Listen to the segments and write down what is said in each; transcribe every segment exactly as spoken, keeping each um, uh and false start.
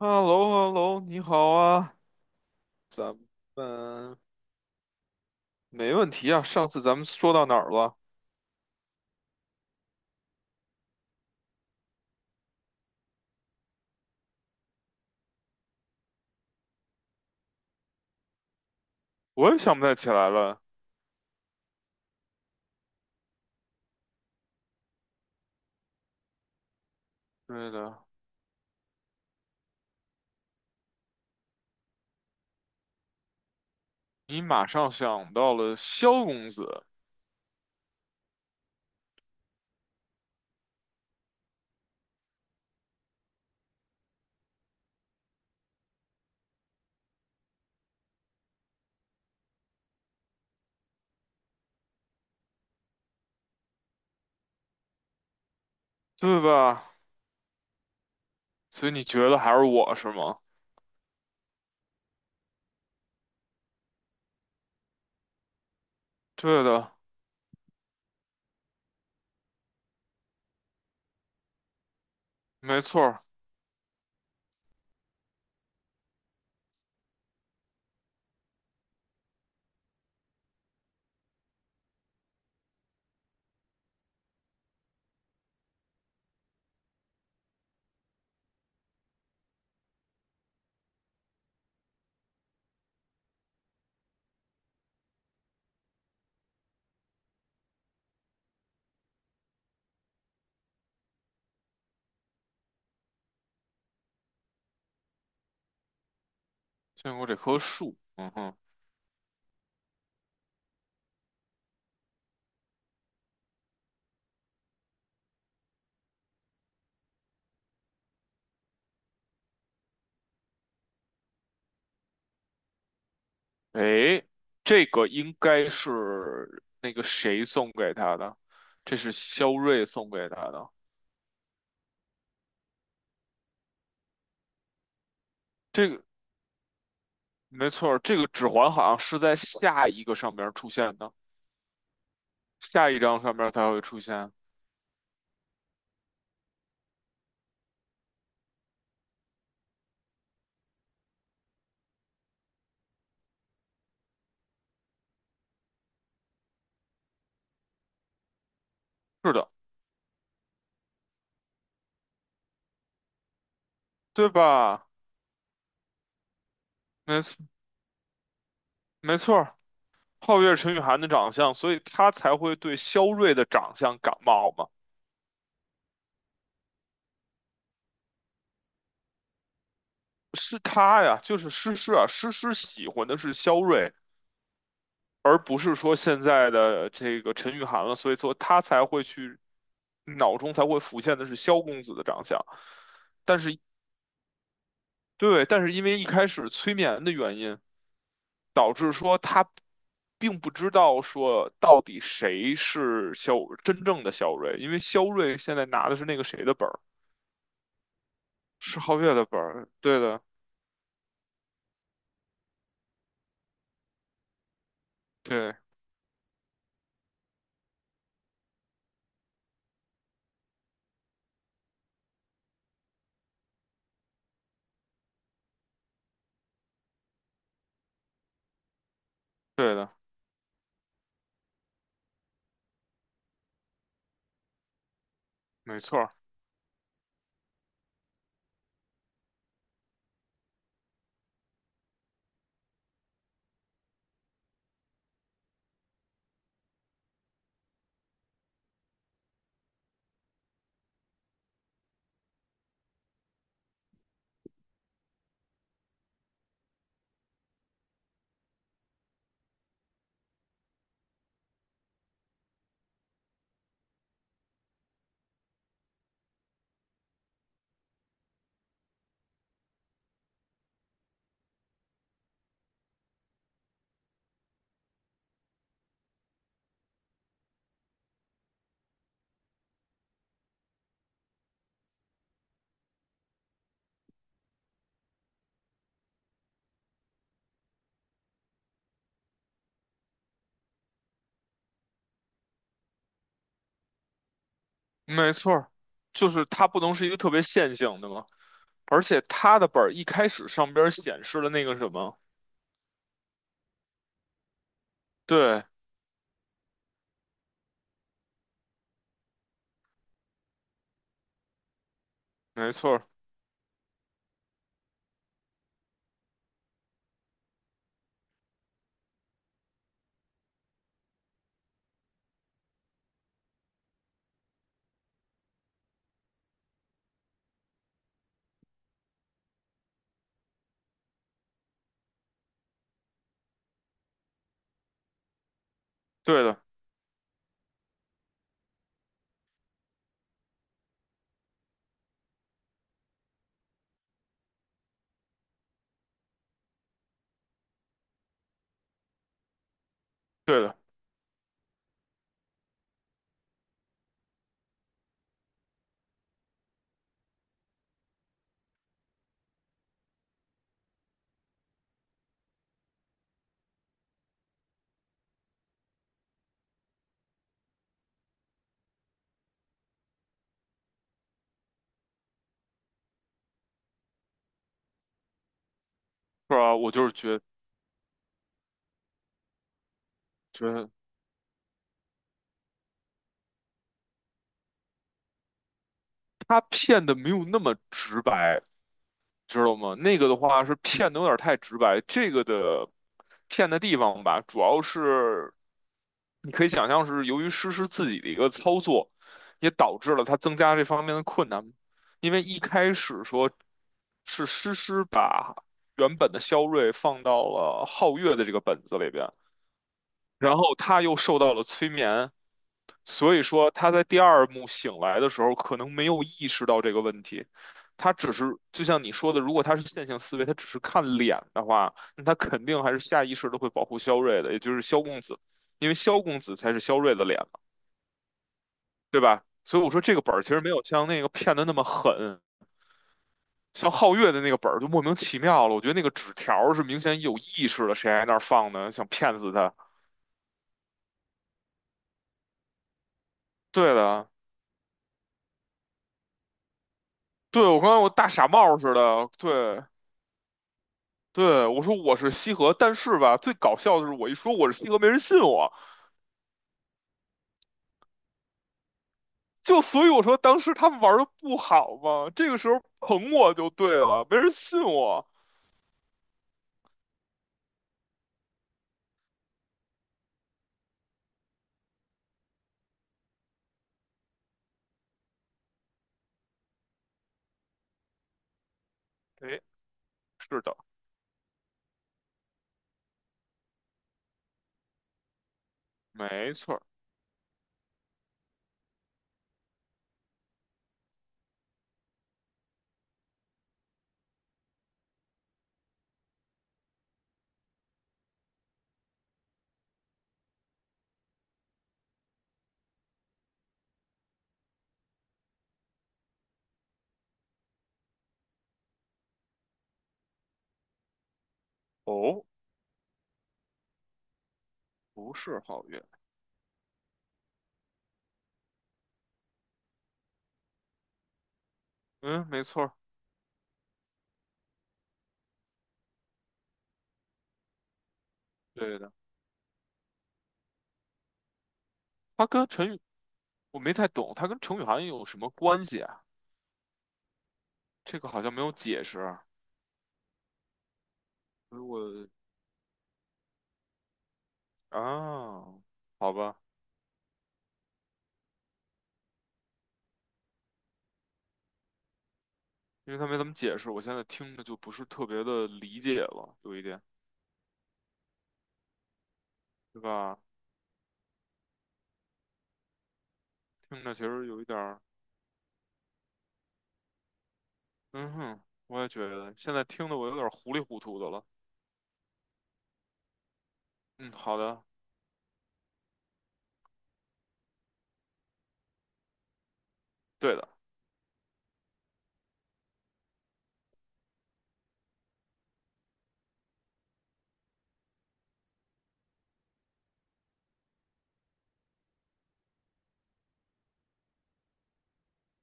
h e l l o h e l l o 你好啊，咱们没问题啊。上次咱们说到哪儿了？我也想不太起来了。对的，你马上想到了萧公子，对吧？所以你觉得还是我是吗？对的，没错儿，见过这棵树。嗯哼，诶，这个应该是那个谁送给他的？这是萧睿送给他的。这个没错儿，这个指环好像是在下一个上边儿出现的。下一章上面才会出现。是的，对吧？没错，没错儿。皓月陈雨涵的长相，所以他才会对萧睿的长相感冒嘛。是他呀，就是诗诗啊，诗诗喜欢的是萧睿，而不是说现在的这个陈雨涵了，所以说他才会去脑中才会浮现的是萧公子的长相。但是，对，但是因为一开始催眠的原因。导致说他并不知道说到底谁是肖真正的肖瑞，因为肖瑞现在拿的是那个谁的本儿，是皓月的本儿，对的，对对的，没错儿没错儿，就是他不能是一个特别线性的嘛，而且他的本儿一开始上边儿显示了那个什么，对，没错儿，对的对的，是吧？我就是觉觉得他骗的没有那么直白，知道吗？那个的话是骗的有点太直白，这个的骗的地方吧，主要是你可以想象是由于诗诗自己的一个操作，也导致了他增加这方面的困难，因为一开始说是诗诗把原本的肖睿放到了皓月的这个本子里边，然后他又受到了催眠，所以说他在第二幕醒来的时候，可能没有意识到这个问题。他只是就像你说的，如果他是线性思维，他只是看脸的话，那他肯定还是下意识的会保护萧睿的，也就是萧公子，因为萧公子才是萧睿的脸嘛，对吧？所以我说这个本儿其实没有像那个骗的那么狠，像皓月的那个本儿就莫名其妙了。我觉得那个纸条是明显有意识的，谁还那儿放呢？想骗死他？对的，对我刚才我大傻帽似的，对。对，我说我是西河，但是吧，最搞笑的是我一说我是西河，没人信我，就所以我说当时他们玩的不好嘛，这个时候捧我就对了，没人信我。哎，是的，没错儿，哦，不是皓月，嗯，没错儿，对的，他跟陈宇，我没太懂，他跟程雨涵有什么关系啊？这个好像没有解释啊，所以我啊，好吧，因为他没怎么解释，我现在听着就不是特别的理解了，有一点，对吧？听着其实有一点儿嗯哼，我也觉得现在听的我有点糊里糊涂的了。嗯，好的，对的，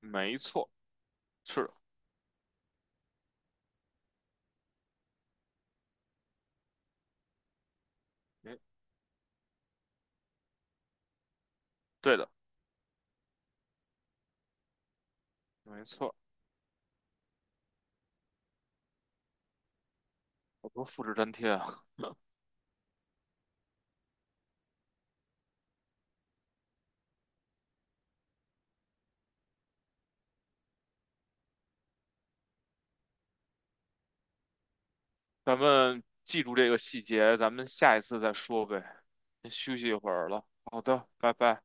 没错，是的，没对的，没错。好多复制粘贴啊，咱们记住这个细节，咱们下一次再说呗。先休息一会儿了。好的，拜拜。